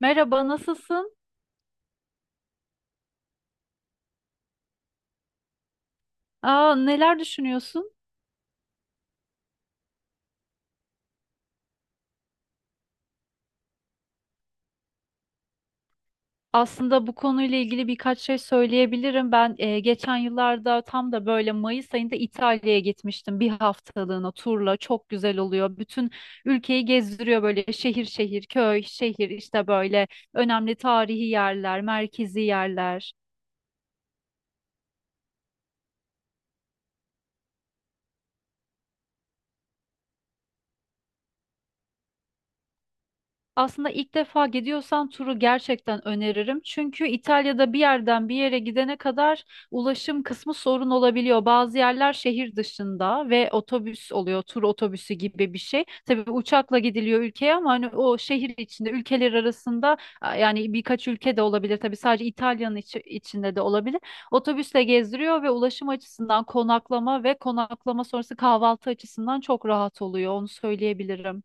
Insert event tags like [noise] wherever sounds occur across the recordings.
Merhaba, nasılsın? Aa, neler düşünüyorsun? Aslında bu konuyla ilgili birkaç şey söyleyebilirim. Ben geçen yıllarda tam da böyle Mayıs ayında İtalya'ya gitmiştim bir haftalığına turla. Çok güzel oluyor. Bütün ülkeyi gezdiriyor böyle şehir şehir, köy şehir işte böyle önemli tarihi yerler, merkezi yerler. Aslında ilk defa gidiyorsan turu gerçekten öneririm. Çünkü İtalya'da bir yerden bir yere gidene kadar ulaşım kısmı sorun olabiliyor. Bazı yerler şehir dışında ve otobüs oluyor, tur otobüsü gibi bir şey. Tabii uçakla gidiliyor ülkeye ama hani o şehir içinde, ülkeler arasında, yani birkaç ülke de olabilir. Tabii sadece İtalya'nın içinde de olabilir. Otobüsle gezdiriyor ve ulaşım açısından konaklama ve konaklama sonrası kahvaltı açısından çok rahat oluyor. Onu söyleyebilirim.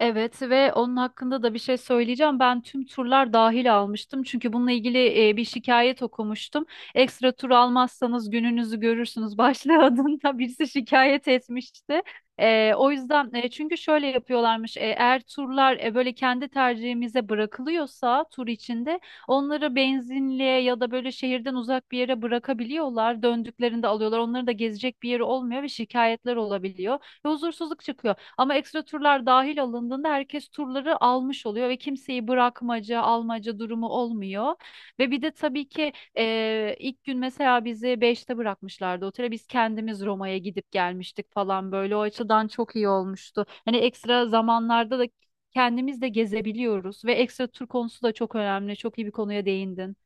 Evet ve onun hakkında da bir şey söyleyeceğim. Ben tüm turlar dahil almıştım. Çünkü bununla ilgili bir şikayet okumuştum. Ekstra tur almazsanız gününüzü görürsünüz [laughs] başlığı adında birisi şikayet etmişti. O yüzden çünkü şöyle yapıyorlarmış. Eğer turlar böyle kendi tercihimize bırakılıyorsa tur içinde onları benzinliğe ya da böyle şehirden uzak bir yere bırakabiliyorlar. Döndüklerinde alıyorlar. Onların da gezecek bir yeri olmuyor ve şikayetler olabiliyor. Ve huzursuzluk çıkıyor ama ekstra turlar dahil alındığında herkes turları almış oluyor ve kimseyi bırakmaca, almaca durumu olmuyor. Ve bir de tabii ki ilk gün mesela bizi beşte bırakmışlardı otele. Biz kendimiz Roma'ya gidip gelmiştik falan böyle. O açıdan çok iyi olmuştu. Hani ekstra zamanlarda da kendimiz de gezebiliyoruz ve ekstra tur konusu da çok önemli. Çok iyi bir konuya değindin.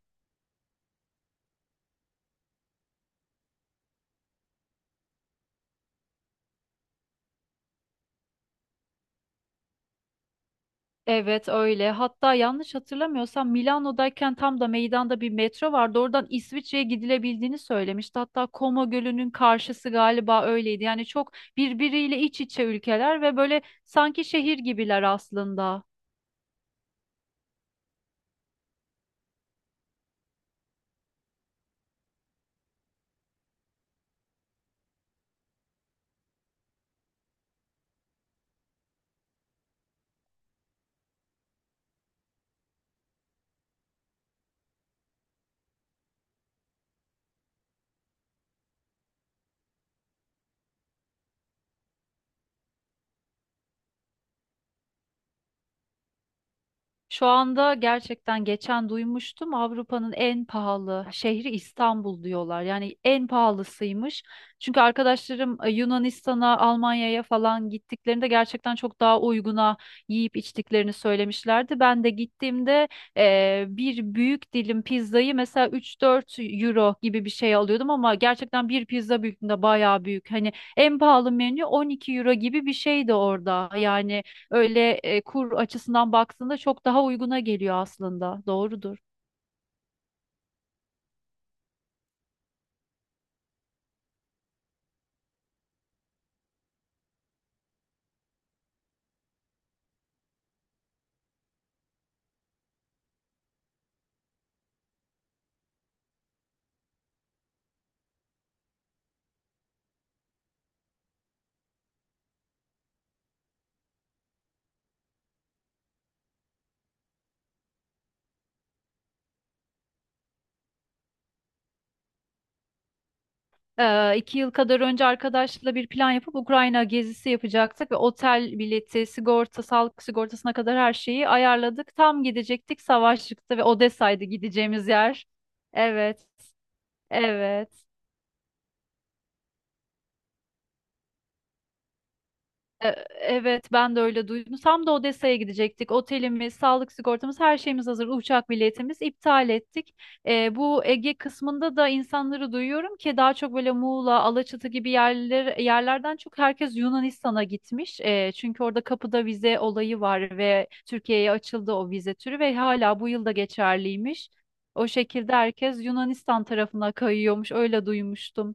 Evet öyle. Hatta yanlış hatırlamıyorsam Milano'dayken tam da meydanda bir metro vardı. Oradan İsviçre'ye gidilebildiğini söylemişti. Hatta Como Gölü'nün karşısı galiba öyleydi. Yani çok birbiriyle iç içe ülkeler ve böyle sanki şehir gibiler aslında. Şu anda gerçekten geçen duymuştum Avrupa'nın en pahalı şehri İstanbul diyorlar. Yani en pahalısıymış. Çünkü arkadaşlarım Yunanistan'a, Almanya'ya falan gittiklerinde gerçekten çok daha uyguna yiyip içtiklerini söylemişlerdi. Ben de gittiğimde bir büyük dilim pizzayı mesela 3-4 euro gibi bir şey alıyordum ama gerçekten bir pizza büyüklüğünde bayağı büyük. Hani en pahalı menü 12 euro gibi bir şeydi orada. Yani öyle kur açısından baktığında çok daha uyguna geliyor aslında. Doğrudur. İki yıl kadar önce arkadaşla bir plan yapıp Ukrayna gezisi yapacaktık ve otel bileti, sigorta, sağlık sigortasına kadar her şeyi ayarladık. Tam gidecektik, savaş çıktı ve Odessa'ydı gideceğimiz yer. Evet, evet. E, Evet ben de öyle duydum. Tam da Odessa'ya gidecektik. Otelimiz, sağlık sigortamız, her şeyimiz hazır. Uçak biletimiz iptal ettik. Bu Ege kısmında da insanları duyuyorum ki daha çok böyle Muğla, Alaçatı gibi yerler, yerlerden çok herkes Yunanistan'a gitmiş. Çünkü orada kapıda vize olayı var ve Türkiye'ye açıldı o vize türü ve hala bu yılda geçerliymiş. O şekilde herkes Yunanistan tarafına kayıyormuş. Öyle duymuştum.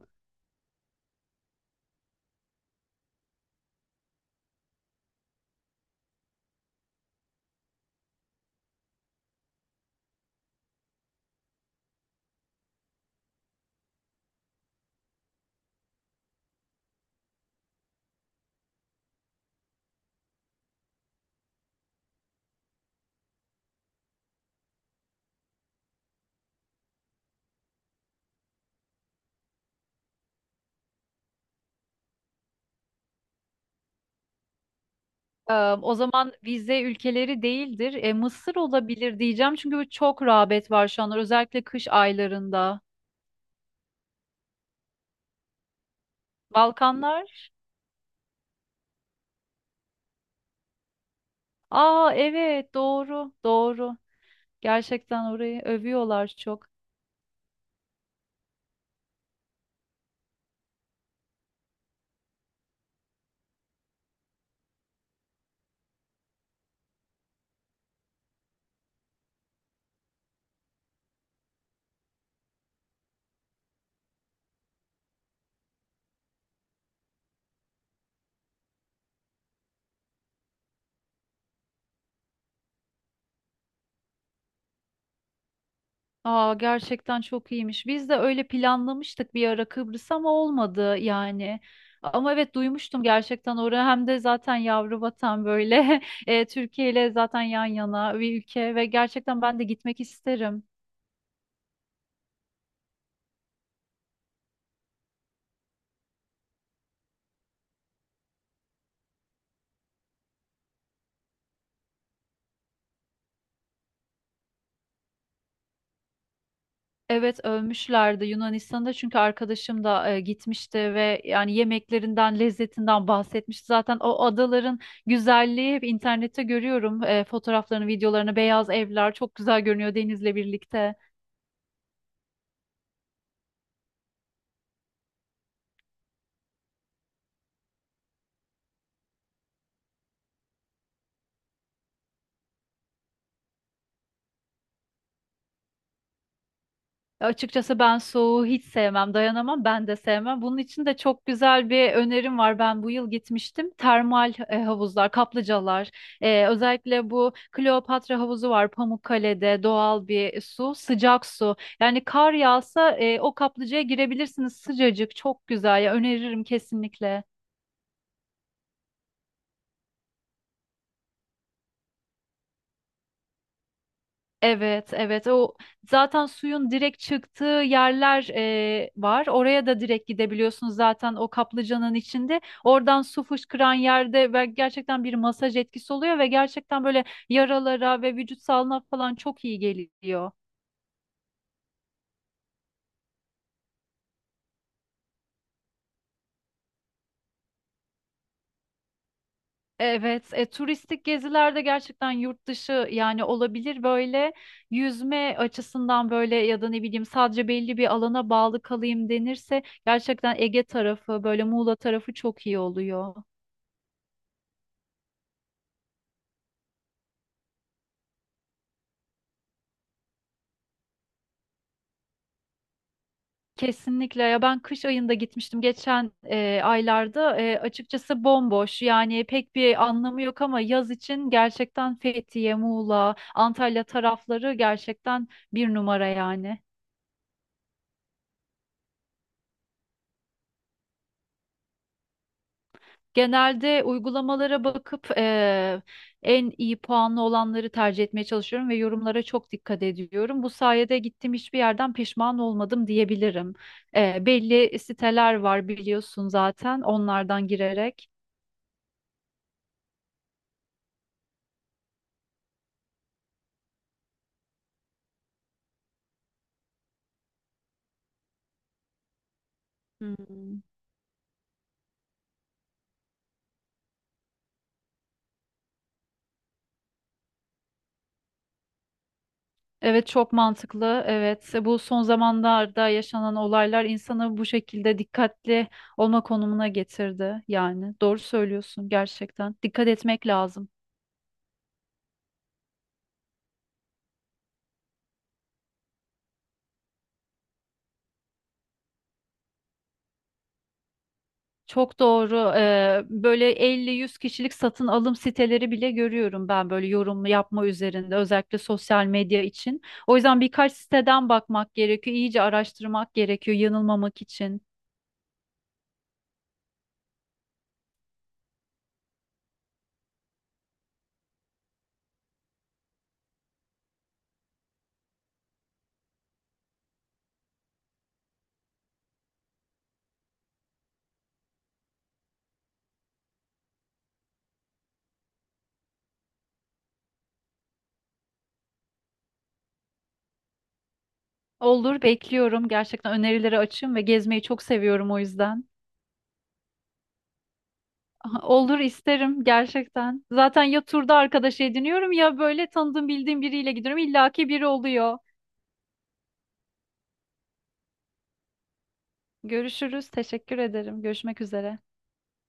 Ee, O zaman vize ülkeleri değildir. Mısır olabilir diyeceğim çünkü bu çok rağbet var şu anlar özellikle kış aylarında. Balkanlar. Aa, evet, doğru doğru. Gerçekten orayı övüyorlar çok. Aa, gerçekten çok iyiymiş. Biz de öyle planlamıştık bir ara Kıbrıs ama olmadı yani. Ama evet, duymuştum gerçekten orayı. Hem de zaten yavru vatan böyle [laughs] Türkiye ile zaten yan yana bir ülke ve gerçekten ben de gitmek isterim. Evet ölmüşlerdi Yunanistan'da, çünkü arkadaşım da gitmişti ve yani yemeklerinden lezzetinden bahsetmişti. Zaten o adaların güzelliği hep internette görüyorum, fotoğraflarını, videolarını. Beyaz evler çok güzel görünüyor denizle birlikte. Ya açıkçası, ben soğuğu hiç sevmem, dayanamam, ben de sevmem. Bunun için de çok güzel bir önerim var. Ben bu yıl gitmiştim. Termal havuzlar, kaplıcalar, özellikle bu Kleopatra havuzu var Pamukkale'de, doğal bir su, sıcak su. Yani kar yağsa o kaplıcaya girebilirsiniz, sıcacık, çok güzel. Ya öneririm kesinlikle. Evet, evet. O zaten suyun direkt çıktığı yerler var. Oraya da direkt gidebiliyorsunuz zaten o kaplıcanın içinde. Oradan su fışkıran yerde ve gerçekten bir masaj etkisi oluyor ve gerçekten böyle yaralara ve vücut sağlığına falan çok iyi geliyor. Evet, turistik gezilerde gerçekten yurt dışı yani olabilir böyle yüzme açısından böyle ya da ne bileyim sadece belli bir alana bağlı kalayım denirse gerçekten Ege tarafı böyle Muğla tarafı çok iyi oluyor. Kesinlikle ya, ben kış ayında gitmiştim geçen aylarda. Açıkçası bomboş yani pek bir anlamı yok ama yaz için gerçekten Fethiye, Muğla, Antalya tarafları gerçekten bir numara yani. Genelde uygulamalara bakıp en iyi puanlı olanları tercih etmeye çalışıyorum ve yorumlara çok dikkat ediyorum. Bu sayede gittiğim hiçbir yerden pişman olmadım diyebilirim. Belli siteler var biliyorsun, zaten onlardan girerek. Hmm. Evet, çok mantıklı. Evet, bu son zamanlarda yaşanan olaylar insanı bu şekilde dikkatli olma konumuna getirdi. Yani doğru söylüyorsun gerçekten. Dikkat etmek lazım. Çok doğru. Böyle elli, yüz kişilik satın alım siteleri bile görüyorum ben, böyle yorum yapma üzerinde özellikle sosyal medya için. O yüzden birkaç siteden bakmak gerekiyor. İyice araştırmak gerekiyor yanılmamak için. Olur, bekliyorum. Gerçekten önerileri açığım ve gezmeyi çok seviyorum o yüzden. Aha, olur, isterim gerçekten. Zaten ya turda arkadaş ediniyorum ya böyle tanıdığım bildiğim biriyle gidiyorum. İlla ki biri oluyor. Görüşürüz. Teşekkür ederim. Görüşmek üzere.